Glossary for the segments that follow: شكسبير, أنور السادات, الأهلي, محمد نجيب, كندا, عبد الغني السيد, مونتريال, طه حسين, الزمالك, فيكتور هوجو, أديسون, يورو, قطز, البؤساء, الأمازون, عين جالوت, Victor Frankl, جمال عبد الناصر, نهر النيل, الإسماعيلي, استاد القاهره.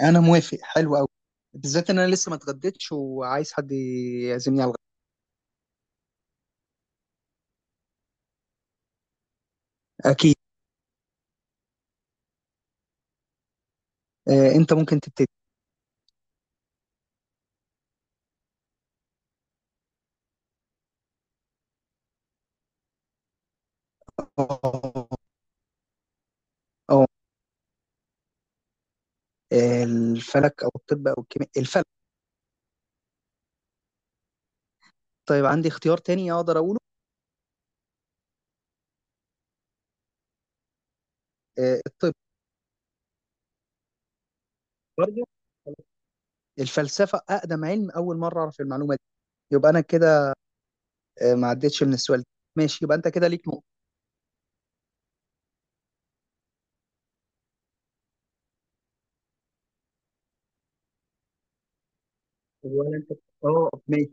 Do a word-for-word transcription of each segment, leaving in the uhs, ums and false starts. انا موافق، حلو قوي. بالذات ان انا لسه ما اتغديتش وعايز حد يعزمني على الغدا. اكيد. آه، انت ممكن تبتدي. اه، آه، الفلك او الطب او الكيمياء، الفلك. طيب، عندي اختيار تاني اقدر اقوله. آه، الطب. برضه، الفلسفه اقدم علم، اول مره اعرف المعلومه دي. يبقى انا كده آه، ما عدتش من السؤال ده. ماشي، يبقى انت كده ليك نقطه. ولا انت. اه، ماشي.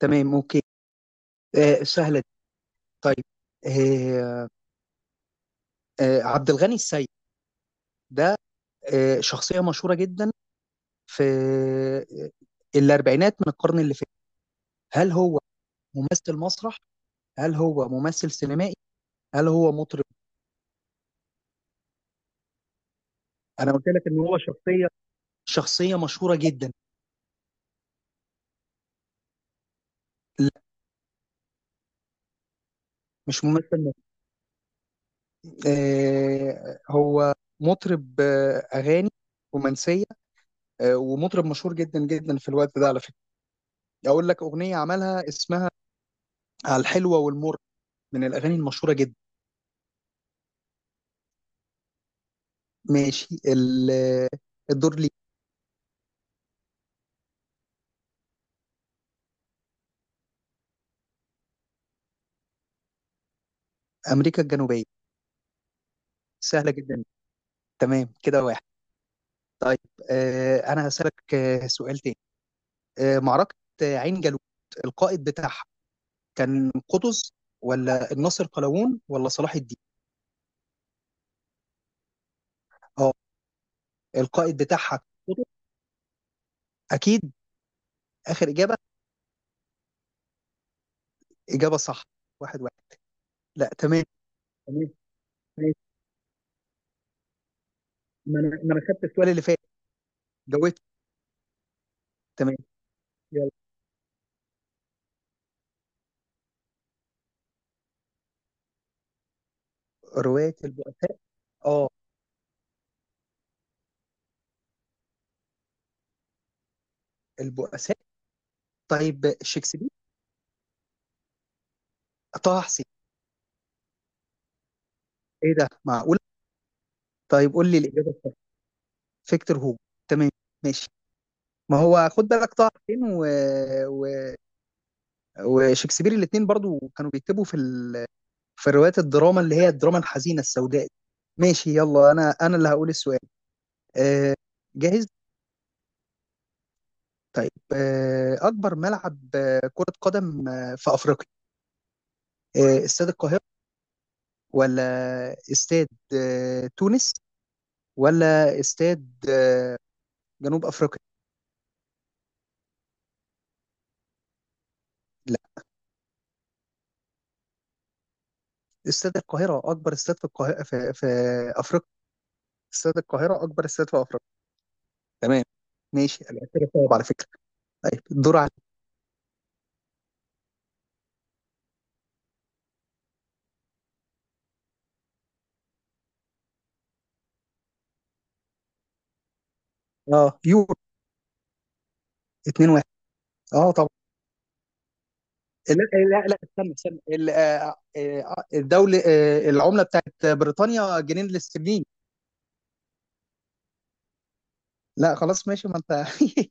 تمام، اوكي. آه، سهله دي. طيب. آه، آه، عبد الغني السيد، ده آه، شخصيه مشهوره جدا في الاربعينات من القرن اللي فات. هل هو ممثل مسرح؟ هل هو ممثل سينمائي؟ هل هو مطرب؟ انا قلت لك ان هو شخصيه شخصيه مشهوره جدا. لا، مش ممثل مسرح. آه هو مطرب. آه اغاني رومانسيه. آه ومطرب مشهور جدا جدا في الوقت ده، على فكره. اقول لك اغنيه عملها، اسمها "على الحلوه والمر"، من الاغاني المشهوره جدا. ماشي. ال- آه، الدور لي. امريكا الجنوبيه. سهله جدا. تمام كده، واحد. طيب، آه، انا هسألك آه، سؤال تاني. آه، معركة آه، عين جالوت، القائد بتاعها كان قطز، ولا الناصر قلاوون، ولا صلاح الدين؟ اه، القائد بتاعها كان قطز، اكيد. اخر اجابة، اجابة صح. واحد واحد. لا، تمام. تمام، ماشي. ما انا ما انا خدت السؤال اللي فات، جاوبت. تمام، يلا. رواية البؤساء. اه، البؤساء. طيب، شكسبير. طه حسين. ايه ده، معقول؟ طيب، قول لي الاجابة الصح. فيكتور هوجو. تمام، ماشي. ما هو خد بالك طه حسين و... و... وشكسبير الاثنين برضو كانوا بيكتبوا في ال... في روايات الدراما، اللي هي الدراما الحزينه السوداء. ماشي، يلا. انا انا اللي هقول السؤال. آه، جاهز. طيب، آه، اكبر ملعب آه، كره قدم آه، في افريقيا: آه، استاد القاهره، ولا استاد آه، تونس، ولا استاد آه، جنوب افريقيا؟ لا. استاد القاهره اكبر استاد في القاهره، في, في افريقيا. استاد القاهره اكبر استاد في افريقيا. تمام، ماشي. أنا كده صعب، على فكره. طيب، الدور على. اه، يورو. اتنين واحد. اه، طبعا. لا، لا، لا، استنى، استنى، ال- آه، آه، آه، الدولة آه، العملة بتاعت بريطانيا جنيه الاسترليني. لا، خلاص، ماشي. ما انت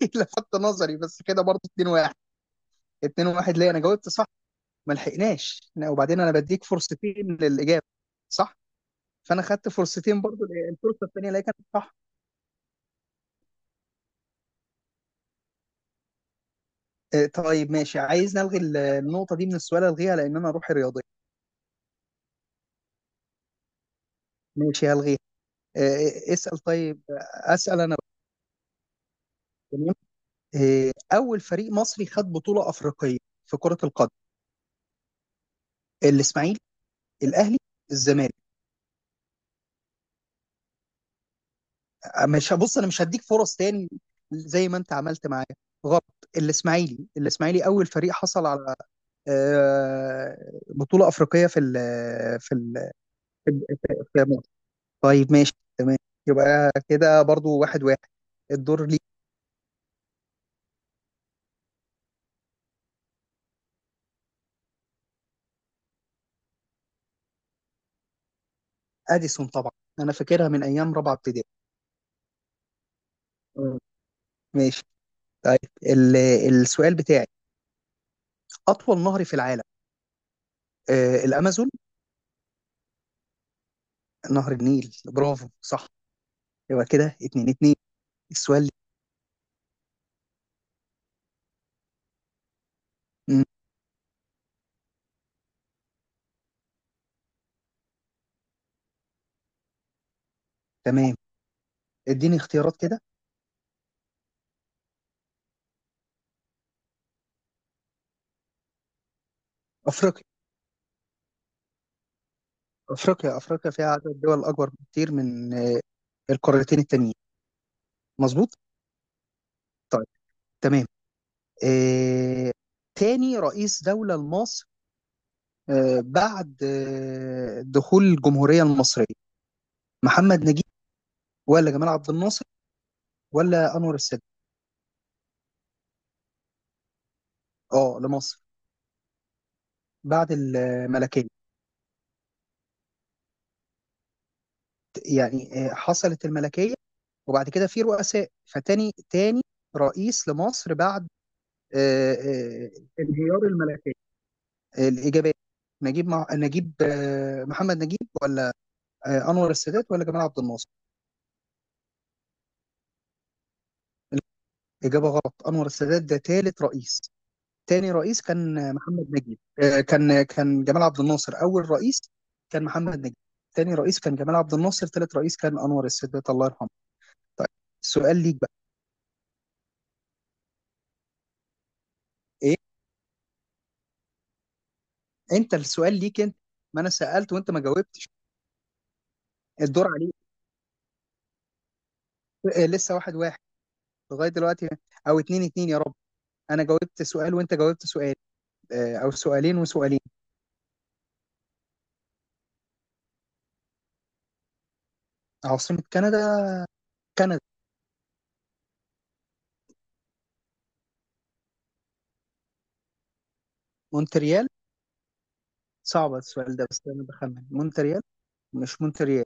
لفت نظري بس كده، برضه اتنين واحد. اتنين واحد ليه؟ انا جاوبت صح. ما لحقناش. لا، وبعدين انا بديك فرصتين للإجابة. صح. فانا خدت فرصتين برضه، الفرصة الثانية اللي هي كانت صح. آه، طيب، ماشي. عايز نلغي ال- النقطة دي من السؤال، الغيها، لان انا روحي رياضية. ماشي، هلغيها. آه، اسأل طيب. أسأل أنا. تمام. آه، أول فريق مصري خد بطولة أفريقية في كرة القدم؟ الإسماعيلي، الأهلي، الزمالك. آه، مش، بص، أنا مش هديك فرص تاني زي ما أنت عملت معايا. غلط. الإسماعيلي. الإسماعيلي أول فريق حصل على آه، بطولة أفريقية في ال في ال في في مصر. طيب، ماشي، تمام. يبقى كده برضو واحد واحد. الدور ليه. أديسون، طبعا. أنا فاكرها من أيام رابعة ابتدائي. مم. ماشي. طيب، ال- السؤال بتاعي: أطول نهر في العالم؟ آه الأمازون. نهر النيل، برافو، صح. يبقى كده اتنين اتنين. السؤال لي. مم، تمام. اديني اختيارات كده. أفريقيا. أفريقيا أفريقيا فيها عدد دول أكبر بكتير من آه القارتين التانيين. مظبوط. طيب، تمام. آه تاني رئيس دولة لمصر، آه بعد آه دخول الجمهورية المصرية: محمد نجيب، ولا جمال عبد الناصر، ولا أنور السادات؟ اه، لمصر بعد الملكية. يعني آه، حصلت الملكية وبعد كده في رؤساء، فتاني تاني رئيس لمصر بعد آه، آه، انهيار الملكية. آه، الإجابات: نجيب مع... نجيب، آه، محمد نجيب، ولا آه، أنور السادات، ولا جمال عبد الناصر. إجابة غلط، أنور السادات ده ثالث رئيس. تاني رئيس كان آه، محمد نجيب. آه، كان كان جمال عبد الناصر أول رئيس. كان محمد نجيب تاني رئيس، كان جمال عبد الناصر ثالث رئيس، كان أنور السادات، الله يرحمه. طيب، السؤال ليك بقى. إيه؟ انت السؤال ليك انت، ما انا سالت وانت ما جاوبتش. الدور عليك. آه، لسه واحد واحد لغايه دلوقتي، او اتنين اتنين يا رب. انا جاوبت سؤال وانت جاوبت سؤال، آه، او سؤالين وسؤالين. عاصمه كندا. كندا. مونتريال. صعب السؤال ده، بس انا بخمن مونتريال. مش مونتريال.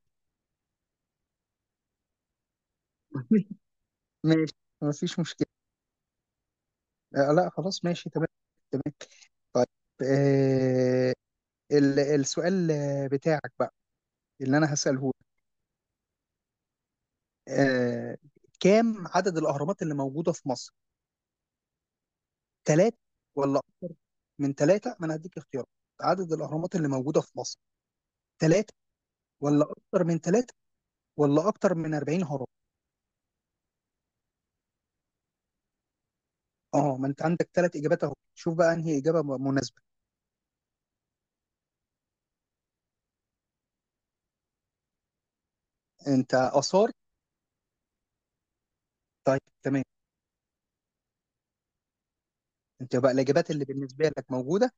ماشي، مفيش مشكله. آه، لا، خلاص، ماشي، تمام. تمام، طيب. آه ال- السؤال بتاعك بقى، اللي انا هساله لك. آه كام عدد الاهرامات اللي موجوده في مصر؟ ثلاث، ولا أكتر من ثلاثة؟ ما أنا هديك اختيارات. عدد الأهرامات اللي موجودة في مصر: ثلاث، ولا أكتر من ثلاث، ولا أكتر من أربعين هرم؟ أه، ما أنت عندك ثلاث إجابات أهو، شوف بقى أنهي إجابة م- مناسبة. أنت آثار. طيب، تمام. أنت بقى الإجابات اللي بالنسبة لك موجودة: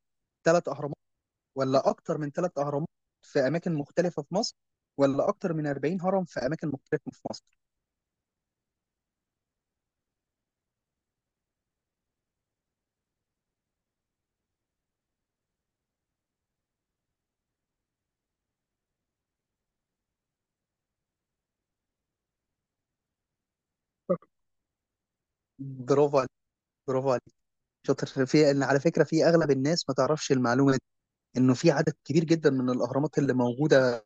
ثلاث أهرامات، ولا أكتر من ثلاث أهرامات في أماكن مختلفة في مصر، ولا أكتر من أربعين هرم في أماكن مختلفة في مصر. برافو عليك، برافو عليك. شاطر. في، ان على فكرة، في أغلب الناس ما تعرفش المعلومة انه في عدد كبير جدا من الاهرامات اللي موجوده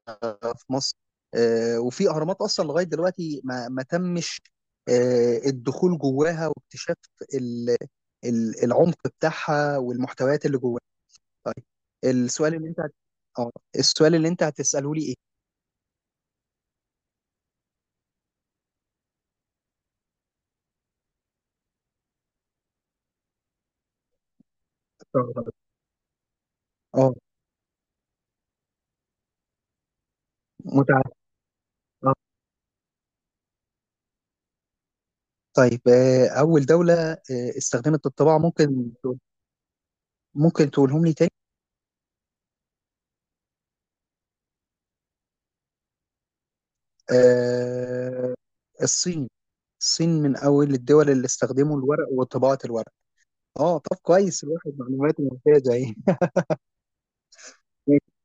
في مصر، آه، وفي اهرامات اصلا لغايه دلوقتي ما ما تمش آه، الدخول جواها، واكتشاف ال- ال- العمق بتاعها والمحتويات اللي جواها. طيب، السؤال اللي انت هت- اه السؤال اللي انت هتساله لي ايه؟ استغرب. اه، متعب. اه، طيب، آه، اول دوله آه، استخدمت الطباعه؟ ممكن، ممكن تقولهم لي تاني؟ آه الصين. الصين من أول الدول اللي استخدموا الورق وطباعة الورق. اه، طب كويس، الواحد معلوماته ممتازة اهي.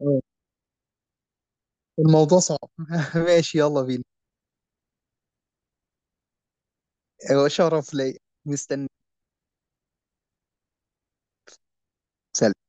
آه، الموضوع صعب. ماشي، يلا بينا. آه، شرف ليا، مستني. سلام.